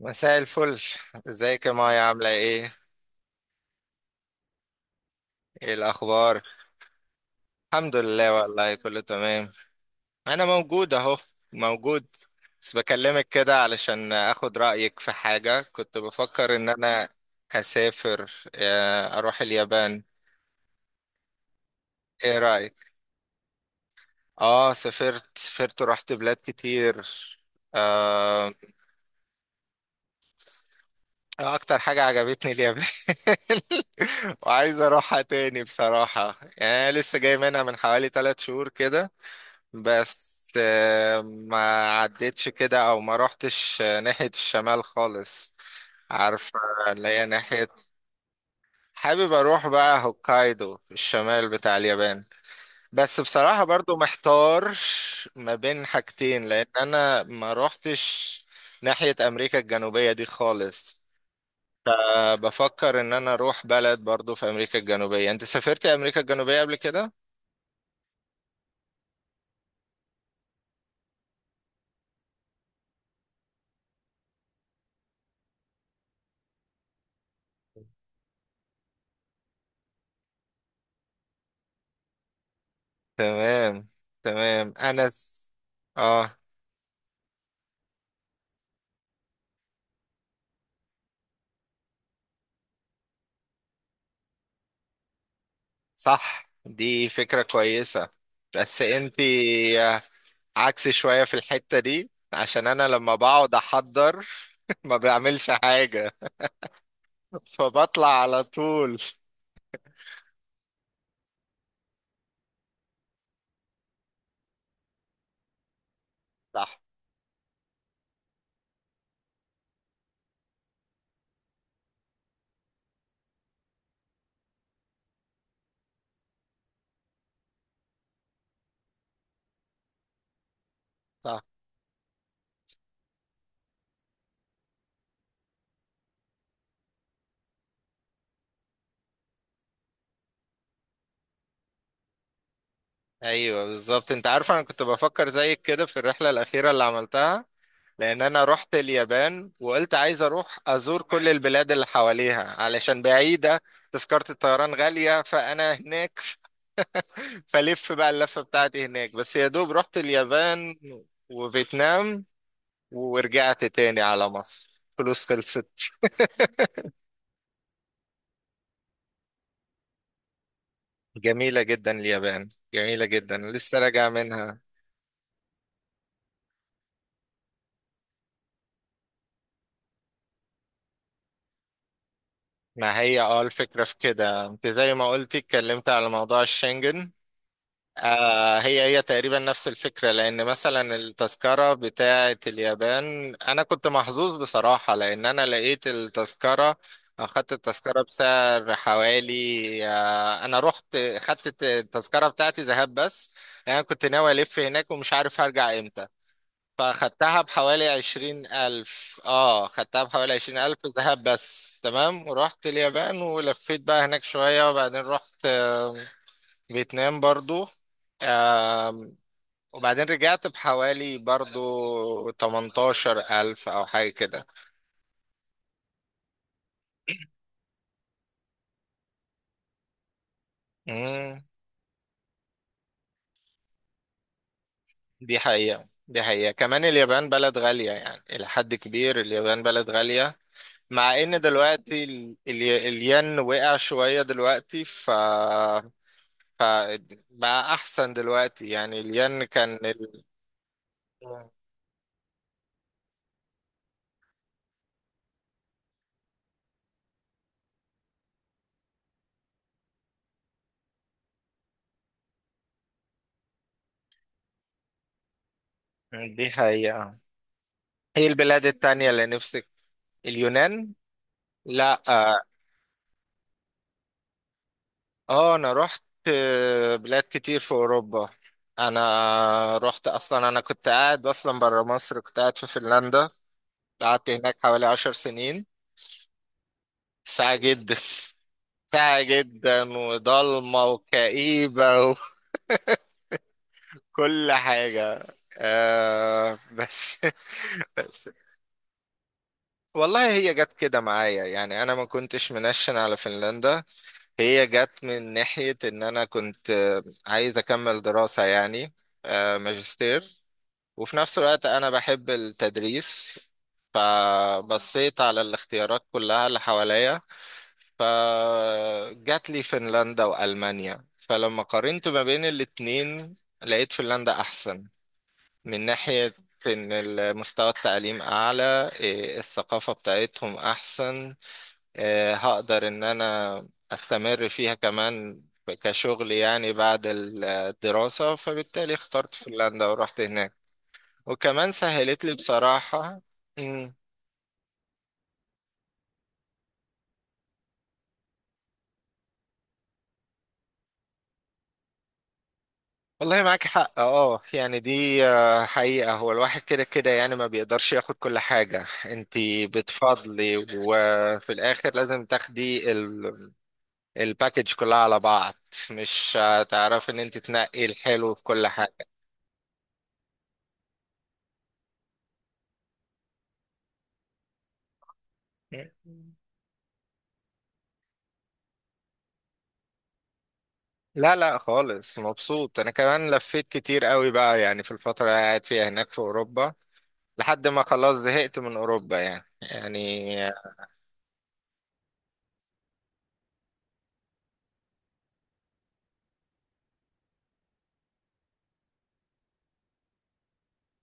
مساء الفل، ازيك يا مايا؟ عاملة ايه؟ ايه الاخبار؟ الحمد لله، والله كله تمام. انا موجود اهو، موجود. بس بكلمك كده علشان اخد رأيك في حاجة كنت بفكر ان انا اسافر، اروح اليابان. ايه رأيك؟ اه، سافرت ورحت بلاد كتير آه، اكتر حاجة عجبتني اليابان. وعايز اروحها تاني بصراحة، يعني أنا لسه جاي منها من حوالي 3 شهور كده. بس، ما عدتش كده، او ما روحتش ناحية الشمال خالص، عارف، اللي هي ناحية. حابب اروح بقى هوكايدو في الشمال بتاع اليابان. بس بصراحة برضو محتار ما بين حاجتين، لان انا ما روحتش ناحية امريكا الجنوبية دي خالص. فبفكر ان انا اروح بلد برضو في امريكا الجنوبية. انت سافرت امريكا الجنوبية قبل كده؟ تمام، تمام. انا س... اه. صح، دي فكرة كويسة. بس انتي عكسي شوية في الحتة دي، عشان انا لما بقعد احضر ما بعملش حاجة، فبطلع على طول. صح، صح. ايوه بالظبط. انت عارف انا كنت بفكر زيك كده في الرحلة الاخيرة اللي عملتها، لان انا رحت اليابان وقلت عايز اروح ازور كل البلاد اللي حواليها علشان بعيدة. تذكرة الطيران غالية، فانا هناك فلف بقى اللفة بتاعتي هناك، بس يا دوب رحت اليابان وفيتنام ورجعت تاني على مصر. فلوس خلصت. جميلة جدا اليابان، جميلة جدا، لسه راجع منها. ما هي، الفكرة في كده انت زي ما قلتي، اتكلمت على موضوع الشنجن. هي تقريبا نفس الفكرة، لأن مثلا التذكرة بتاعة اليابان، أنا كنت محظوظ بصراحة لأن أنا لقيت التذكرة، أخدت التذكرة بسعر حوالي، أنا رحت خدت التذكرة بتاعتي ذهاب بس. يعني أنا كنت ناوي ألف هناك ومش عارف هرجع إمتى، فخدتها بحوالي 20 ألف، خدتها بحوالي 20 ألف ذهاب بس. تمام. ورحت اليابان ولفيت بقى هناك شوية، وبعدين رحت فيتنام برضو، وبعدين رجعت بحوالي برضو 18000 أو حاجة كده. امم دي حقيقة، دي حقيقة. كمان اليابان بلد غالية، يعني إلى حد كبير اليابان بلد غالية. مع إن دلوقتي الين وقع شوية دلوقتي، ف بقى أحسن دلوقتي، يعني الين كان... مم. دي حقيقة. هي البلاد التانية اللي نفسك؟ اليونان؟ لا. اه، انا رحت بلاد كتير في اوروبا. انا رحت اصلا، انا كنت قاعد اصلا برا مصر، كنت قاعد في فنلندا. قعدت هناك حوالي 10 سنين. ساعة جدا. ساعة جدا، وضلمة، وكئيبة، وكل حاجة. بس بس والله هي جت كده معايا، يعني انا ما كنتش منشن على فنلندا. هي جت من ناحية ان انا كنت عايز اكمل دراسة، يعني ماجستير. وفي نفس الوقت أنا بحب التدريس، فبصيت على الاختيارات كلها اللي حواليا. فجات لي فنلندا وألمانيا، فلما قارنت ما بين الاتنين لقيت فنلندا أحسن، من ناحية إن المستوى التعليم أعلى، الثقافة بتاعتهم أحسن، هقدر إن أنا أستمر فيها كمان كشغل يعني بعد الدراسة. فبالتالي اخترت فنلندا ورحت هناك، وكمان سهلت لي بصراحة. مم. والله معاك حق. اه، يعني دي حقيقة، هو الواحد كده كده يعني ما بيقدرش ياخد كل حاجة، انتي بتفضلي وفي الاخر لازم تاخدي الباكج كلها على بعض، مش هتعرفي ان انتي تنقي الحلو في كل حاجة. لا، لا خالص، مبسوط. انا كمان لفيت كتير قوي بقى، يعني في الفترة اللي قاعد فيها هناك في اوروبا لحد ما خلاص زهقت من اوروبا يعني. يعني.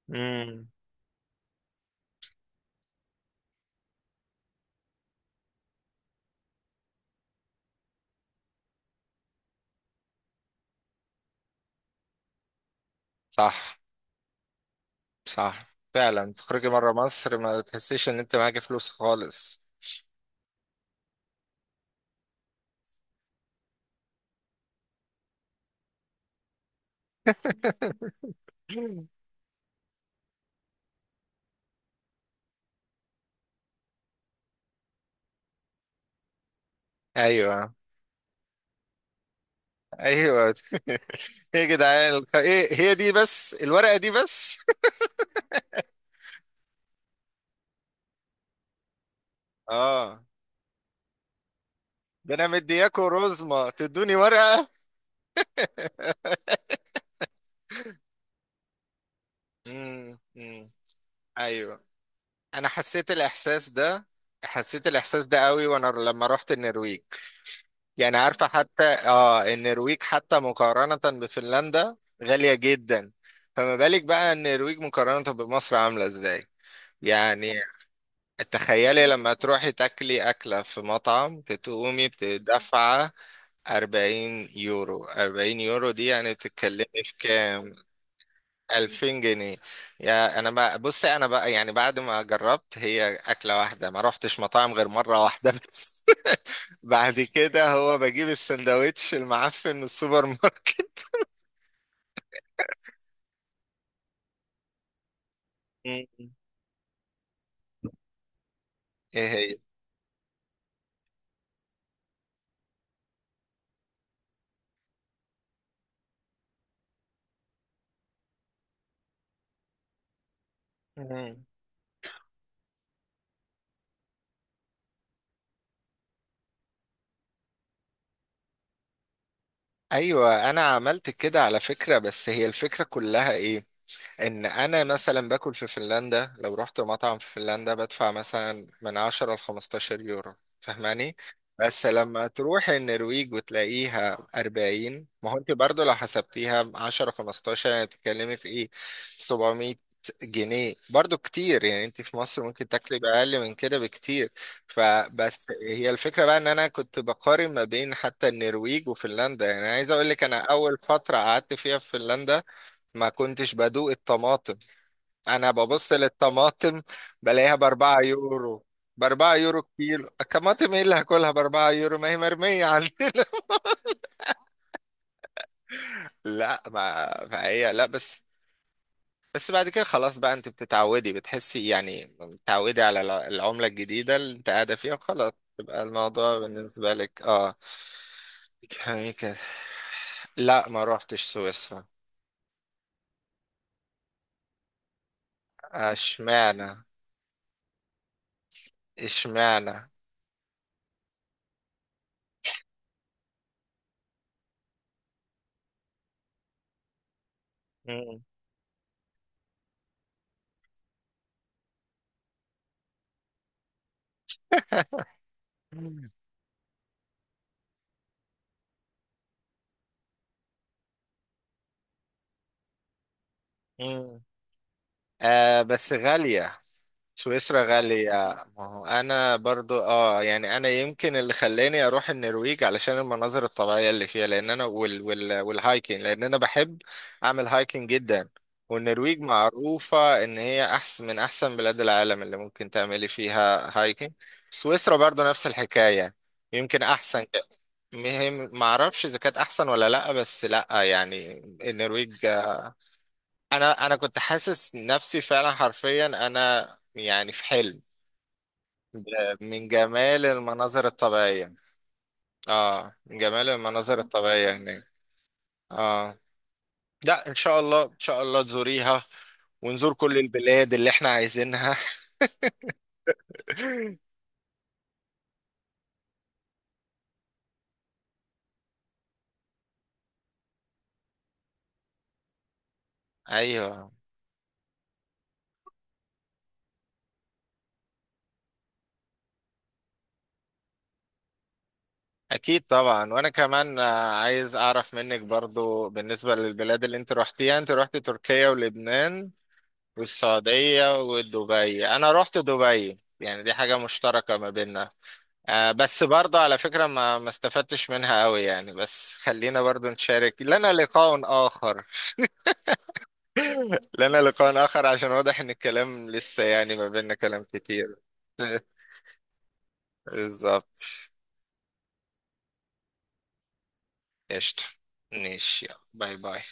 مم. صح، صح فعلا، تخرجي بره مصر ما تحسيش ان انت معاكي فلوس خالص. ايوه، ايوه. ايه يا جدعان، ايه هي دي بس؟ الورقه دي بس؟ اه، ده انا مدياكوا رزمه تدوني ورقه. امم. أمم. ايوه. انا حسيت الاحساس ده قوي وانا لما رحت النرويج. يعني عارفة حتى، النرويج حتى مقارنة بفنلندا غالية جدا، فما بالك بقى النرويج مقارنة بمصر عاملة ازاي؟ يعني تخيلي لما تروحي تاكلي أكلة في مطعم بتقومي بتدفع 40 يورو. 40 يورو دي يعني بتتكلمي في كام؟ 2000 جنيه. يا انا بقى، بصي انا بقى يعني بعد ما جربت هي أكلة واحدة ما روحتش مطاعم غير مرة واحدة بس. بعد كده هو بجيب السندوتش المعفن من السوبر ماركت. مم. ايه هي؟ مم. ايوه، انا عملت كده على فكرة. بس هي الفكرة كلها ايه، ان انا مثلا باكل في فنلندا، لو رحت مطعم في فنلندا بدفع مثلا من 10 ل 15 يورو. فاهماني؟ بس لما تروح النرويج وتلاقيها 40، ما هو انت برضو لو حسبتيها 10، 15، يعني بتتكلمي في ايه؟ 700 جنيه، برضو كتير، يعني انت في مصر ممكن تاكلي بأقل من كده بكتير. فبس هي الفكرة بقى ان انا كنت بقارن ما بين حتى النرويج وفنلندا. يعني عايز اقول لك انا اول فترة قعدت فيها في فنلندا ما كنتش بدوق الطماطم. انا ببص للطماطم بلاقيها باربعة يورو، باربعة يورو كيلو الطماطم، ايه اللي هاكلها باربعة يورو؟ ما هي مرمية عندنا. لا ما فهي، لا بس. بس بعد كده خلاص بقى انت بتتعودي، بتحسي يعني بتتعودي على العملة الجديدة اللي انت قاعدة فيها وخلاص. يبقى الموضوع بالنسبة لك، بتفهمي كده. لا، ما روحتش سويسرا. اشمعنى؟ اشمعنى؟ مم. مم. بس غالية، سويسرا غالية. ما هو أنا برضو، يعني أنا يمكن اللي خلاني أروح النرويج علشان المناظر الطبيعية اللي فيها، لأن أنا والهايكنج، لأن أنا بحب أعمل هايكنج جدا. والنرويج معروفة إن هي أحسن من أحسن بلاد العالم اللي ممكن تعملي فيها هايكنج. سويسرا برضو نفس الحكاية، يمكن أحسن. مهم، معرفش إذا كانت أحسن ولا لأ، بس لأ يعني، النرويج. انا كنت حاسس نفسي فعلا حرفيا، انا يعني في حلم، من جمال المناظر الطبيعية. اه، من جمال المناظر الطبيعية هناك. اه، لا، ان شاء الله، ان شاء الله تزوريها، ونزور كل البلاد اللي احنا عايزينها. ايوه، اكيد طبعا. وانا كمان، عايز اعرف منك برضو بالنسبة للبلاد اللي انت روحتيها. انت روحت تركيا ولبنان والسعودية ودبي، انا روحت دبي، يعني دي حاجة مشتركة ما بيننا. بس برضه على فكرة ما استفدتش منها قوي يعني، بس خلينا برضه نشارك. لنا لقاء آخر. لنا لقاء آخر، عشان واضح إن الكلام لسه يعني ما بيننا كلام كتير. بالظبط. قشطة، ماشي، يلا. باي باي.